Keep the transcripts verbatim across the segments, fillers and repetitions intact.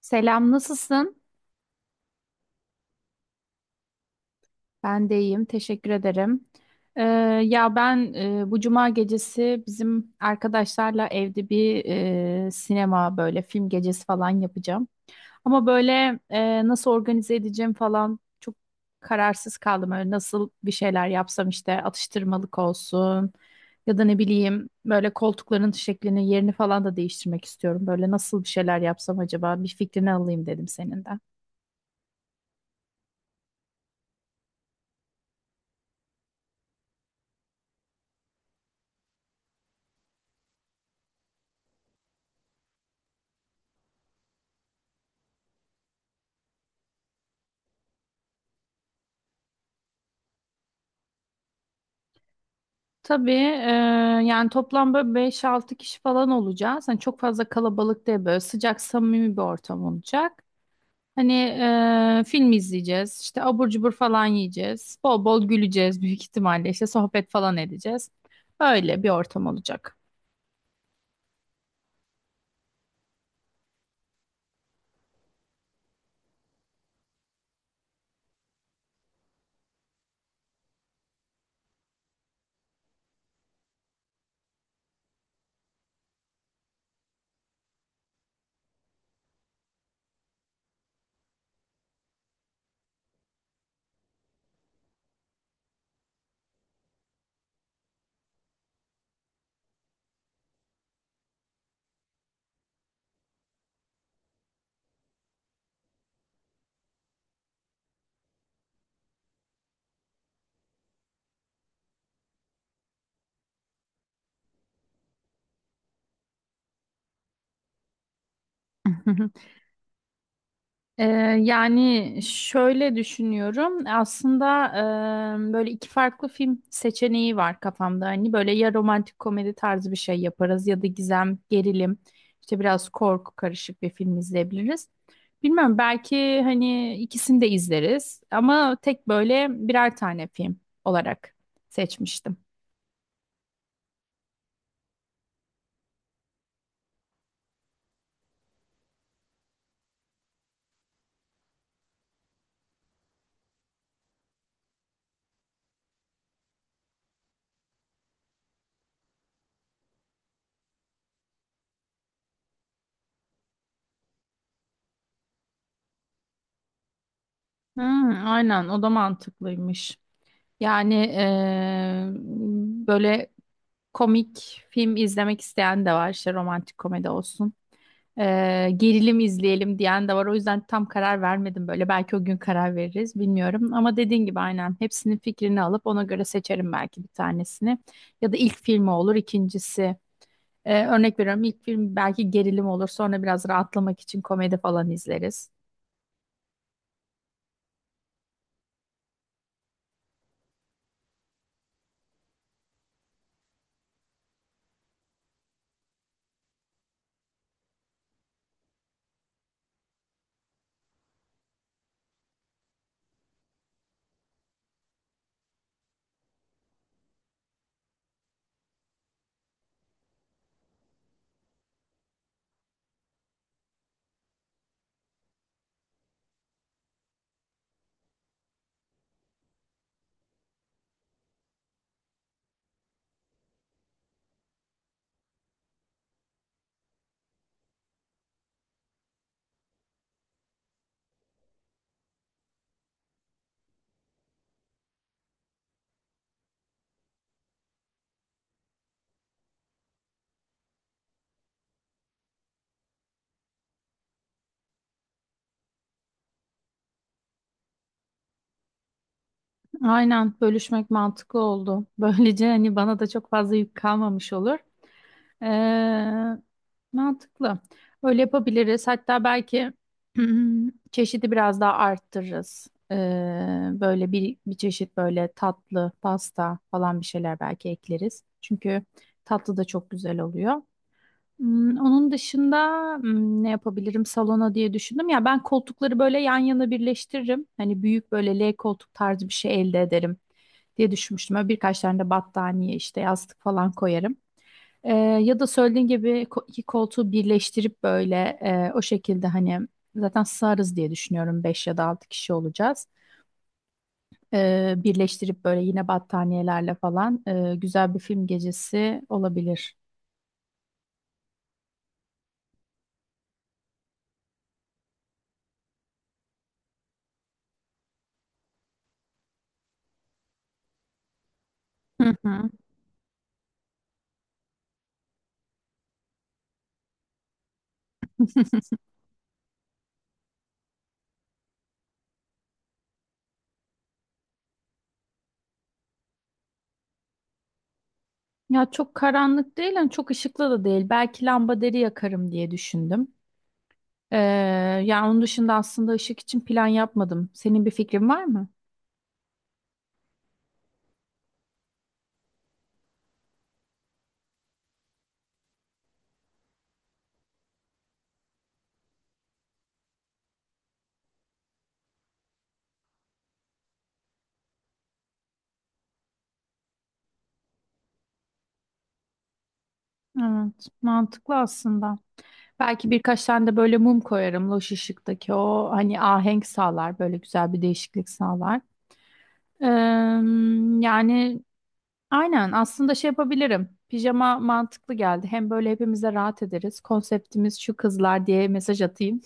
Selam, nasılsın? Ben de iyiyim, teşekkür ederim. Ee, Ya ben e, bu cuma gecesi bizim arkadaşlarla evde bir e, sinema böyle film gecesi falan yapacağım. Ama böyle e, nasıl organize edeceğim falan çok kararsız kaldım. Öyle nasıl bir şeyler yapsam, işte atıştırmalık olsun ya da ne bileyim böyle koltukların şeklini yerini falan da değiştirmek istiyorum. Böyle nasıl bir şeyler yapsam acaba bir fikrini alayım dedim senin de. Tabii, e, yani toplam böyle beş altı kişi kişi falan olacağız. Hani çok fazla kalabalık değil, böyle sıcak samimi bir ortam olacak. Hani, e, film izleyeceğiz, işte abur cubur falan yiyeceğiz. Bol bol güleceğiz, büyük ihtimalle işte sohbet falan edeceğiz. Öyle bir ortam olacak. Ee, Yani şöyle düşünüyorum. Aslında, e, böyle iki farklı film seçeneği var kafamda. Hani böyle ya romantik komedi tarzı bir şey yaparız ya da gizem, gerilim, işte biraz korku karışık bir film izleyebiliriz. Bilmem, belki hani ikisini de izleriz ama tek böyle birer tane film olarak seçmiştim. Hmm, aynen, o da mantıklıymış. Yani, eee, böyle komik film izlemek isteyen de var, işte romantik komedi olsun. Ee, gerilim izleyelim diyen de var. O yüzden tam karar vermedim böyle. Belki o gün karar veririz, bilmiyorum. Ama dediğin gibi aynen hepsinin fikrini alıp ona göre seçerim belki bir tanesini. Ya da ilk filmi olur ikincisi. Ee, örnek veriyorum, ilk film belki gerilim olur. Sonra biraz rahatlamak için komedi falan izleriz. Aynen, bölüşmek mantıklı oldu. Böylece hani bana da çok fazla yük kalmamış olur. Ee, Mantıklı. Öyle yapabiliriz. Hatta belki çeşidi biraz daha arttırırız. Ee, böyle bir, bir çeşit böyle tatlı, pasta falan bir şeyler belki ekleriz. Çünkü tatlı da çok güzel oluyor. Hmm, onun dışında hmm, ne yapabilirim salona diye düşündüm. Ya ben koltukları böyle yan yana birleştiririm. Hani büyük böyle L koltuk tarzı bir şey elde ederim diye düşünmüştüm. Böyle birkaç tane de battaniye, işte yastık falan koyarım. Ee, Ya da söylediğin gibi ko- iki koltuğu birleştirip böyle, e, o şekilde hani zaten sığarız diye düşünüyorum, beş ya da altı kişi olacağız. Ee, birleştirip böyle yine battaniyelerle falan e, güzel bir film gecesi olabilir. Hı hı. Ya çok karanlık değil, hani çok ışıklı da değil. Belki deri yakarım diye düşündüm. Ee, Yani onun dışında aslında ışık için plan yapmadım. Senin bir fikrin var mı? Evet, mantıklı aslında. Belki birkaç tane de böyle mum koyarım. Loş ışıktaki o hani ahenk sağlar. Böyle güzel bir değişiklik sağlar. Eee, Yani aynen aslında şey yapabilirim. Pijama mantıklı geldi. Hem böyle hepimiz de rahat ederiz. Konseptimiz şu kızlar diye mesaj atayım.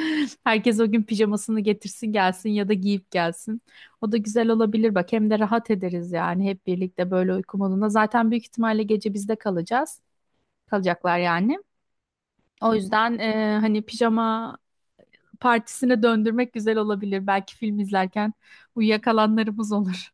Herkes o gün pijamasını getirsin gelsin ya da giyip gelsin. O da güzel olabilir bak. Hem de rahat ederiz, yani hep birlikte böyle uyku modunda. Zaten büyük ihtimalle gece bizde kalacağız. Kalacaklar yani. O yüzden eee, hani pijama partisine döndürmek güzel olabilir. Belki film izlerken uyuyakalanlarımız olur.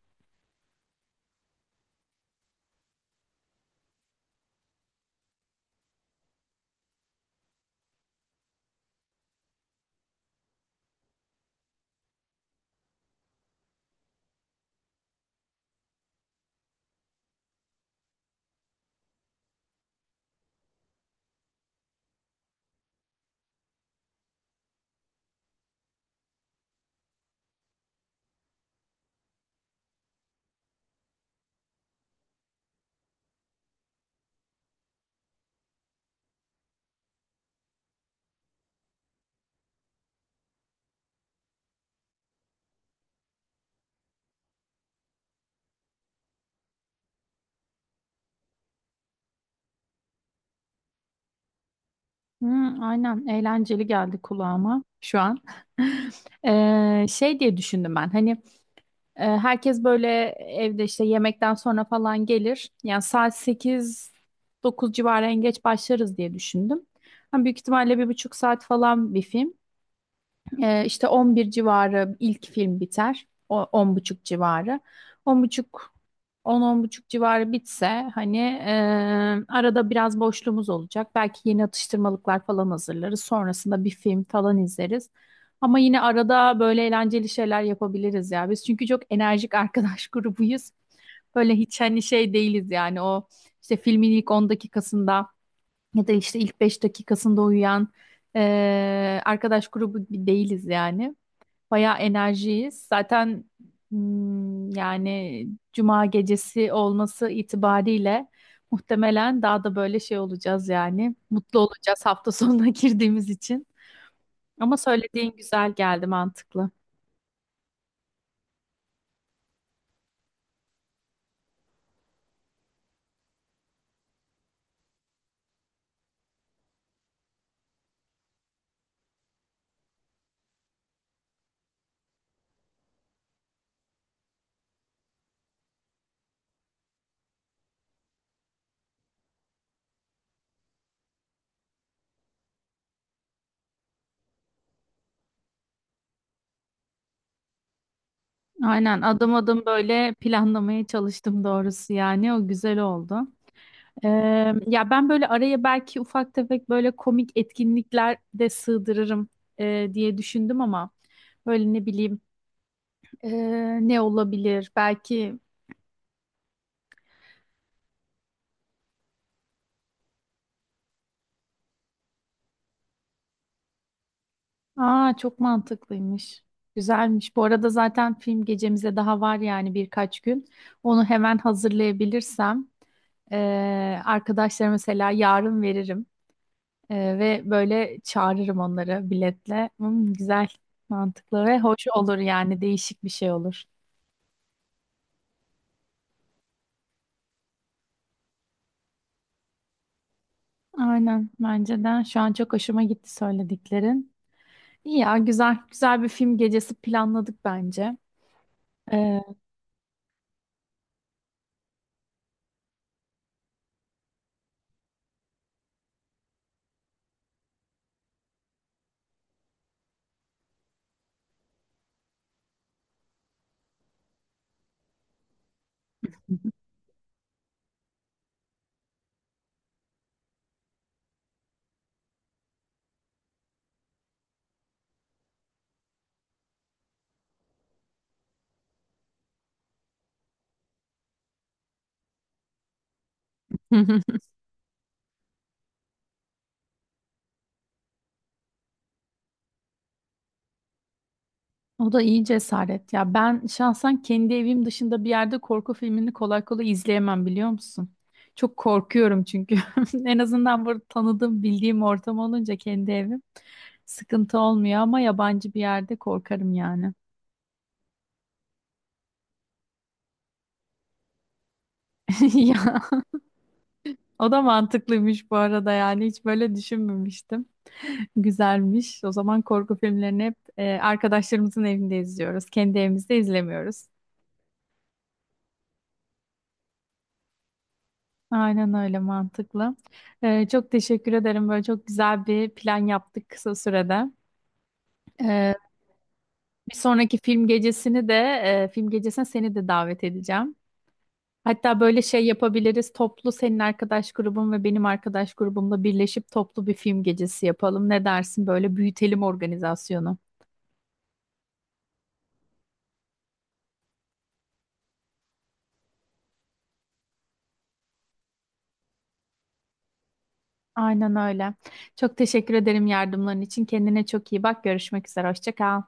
Hmm, aynen, eğlenceli geldi kulağıma şu an. Ee, şey diye düşündüm ben, hani, e, herkes böyle evde işte yemekten sonra falan gelir. Yani saat sekiz dokuz civarı en geç başlarız diye düşündüm. Hani büyük ihtimalle bir buçuk saat falan bir film. Ee, işte on bir civarı ilk film biter. O 10 buçuk civarı. On buçuk, on on buçuk civarı bitse hani, eee, arada biraz boşluğumuz olacak. Belki yeni atıştırmalıklar falan hazırlarız. Sonrasında bir film falan izleriz. Ama yine arada böyle eğlenceli şeyler yapabiliriz ya. Biz çünkü çok enerjik arkadaş grubuyuz. Böyle hiç hani şey değiliz, yani o işte filmin ilk on dakikasında ya da işte ilk beş dakikasında uyuyan eee, arkadaş grubu bir değiliz yani. Bayağı enerjiyiz. Zaten, hmm, yani cuma gecesi olması itibariyle muhtemelen daha da böyle şey olacağız yani. Mutlu olacağız hafta sonuna girdiğimiz için. Ama söylediğin güzel geldi, mantıklı. Aynen, adım adım böyle planlamaya çalıştım doğrusu, yani o güzel oldu. Eee, ya ben böyle araya belki ufak tefek böyle komik etkinlikler de sığdırırım eee, diye düşündüm ama böyle ne bileyim, eee, ne olabilir belki. Aa, çok mantıklıymış, güzelmiş bu arada. Zaten film gecemize daha var yani, birkaç gün. Onu hemen hazırlayabilirsem eee arkadaşlara mesela yarın veririm. Eee, ve böyle çağırırım onları biletle. Hmm, güzel, mantıklı ve hoş olur, yani değişik bir şey olur. Aynen, bence de. Şu an çok hoşuma gitti söylediklerin. İyi ya, güzel güzel bir film gecesi planladık bence. Ee, O da iyi cesaret. Ya ben şahsen kendi evim dışında bir yerde korku filmini kolay kolay izleyemem, biliyor musun? Çok korkuyorum çünkü. En azından burada tanıdığım, bildiğim ortam olunca kendi evim sıkıntı olmuyor, ama yabancı bir yerde korkarım yani. Ya, o da mantıklıymış bu arada, yani hiç böyle düşünmemiştim. Güzelmiş. O zaman korku filmlerini hep e, arkadaşlarımızın evinde izliyoruz. Kendi evimizde izlemiyoruz. Aynen öyle, mantıklı. E, çok teşekkür ederim. Böyle çok güzel bir plan yaptık kısa sürede. E, Bir sonraki film gecesini de, e, film gecesine seni de davet edeceğim. Hatta böyle şey yapabiliriz. Toplu, senin arkadaş grubun ve benim arkadaş grubumla birleşip toplu bir film gecesi yapalım. Ne dersin? Böyle büyütelim organizasyonu. Aynen öyle. Çok teşekkür ederim yardımların için. Kendine çok iyi bak. Görüşmek üzere. Hoşça kal.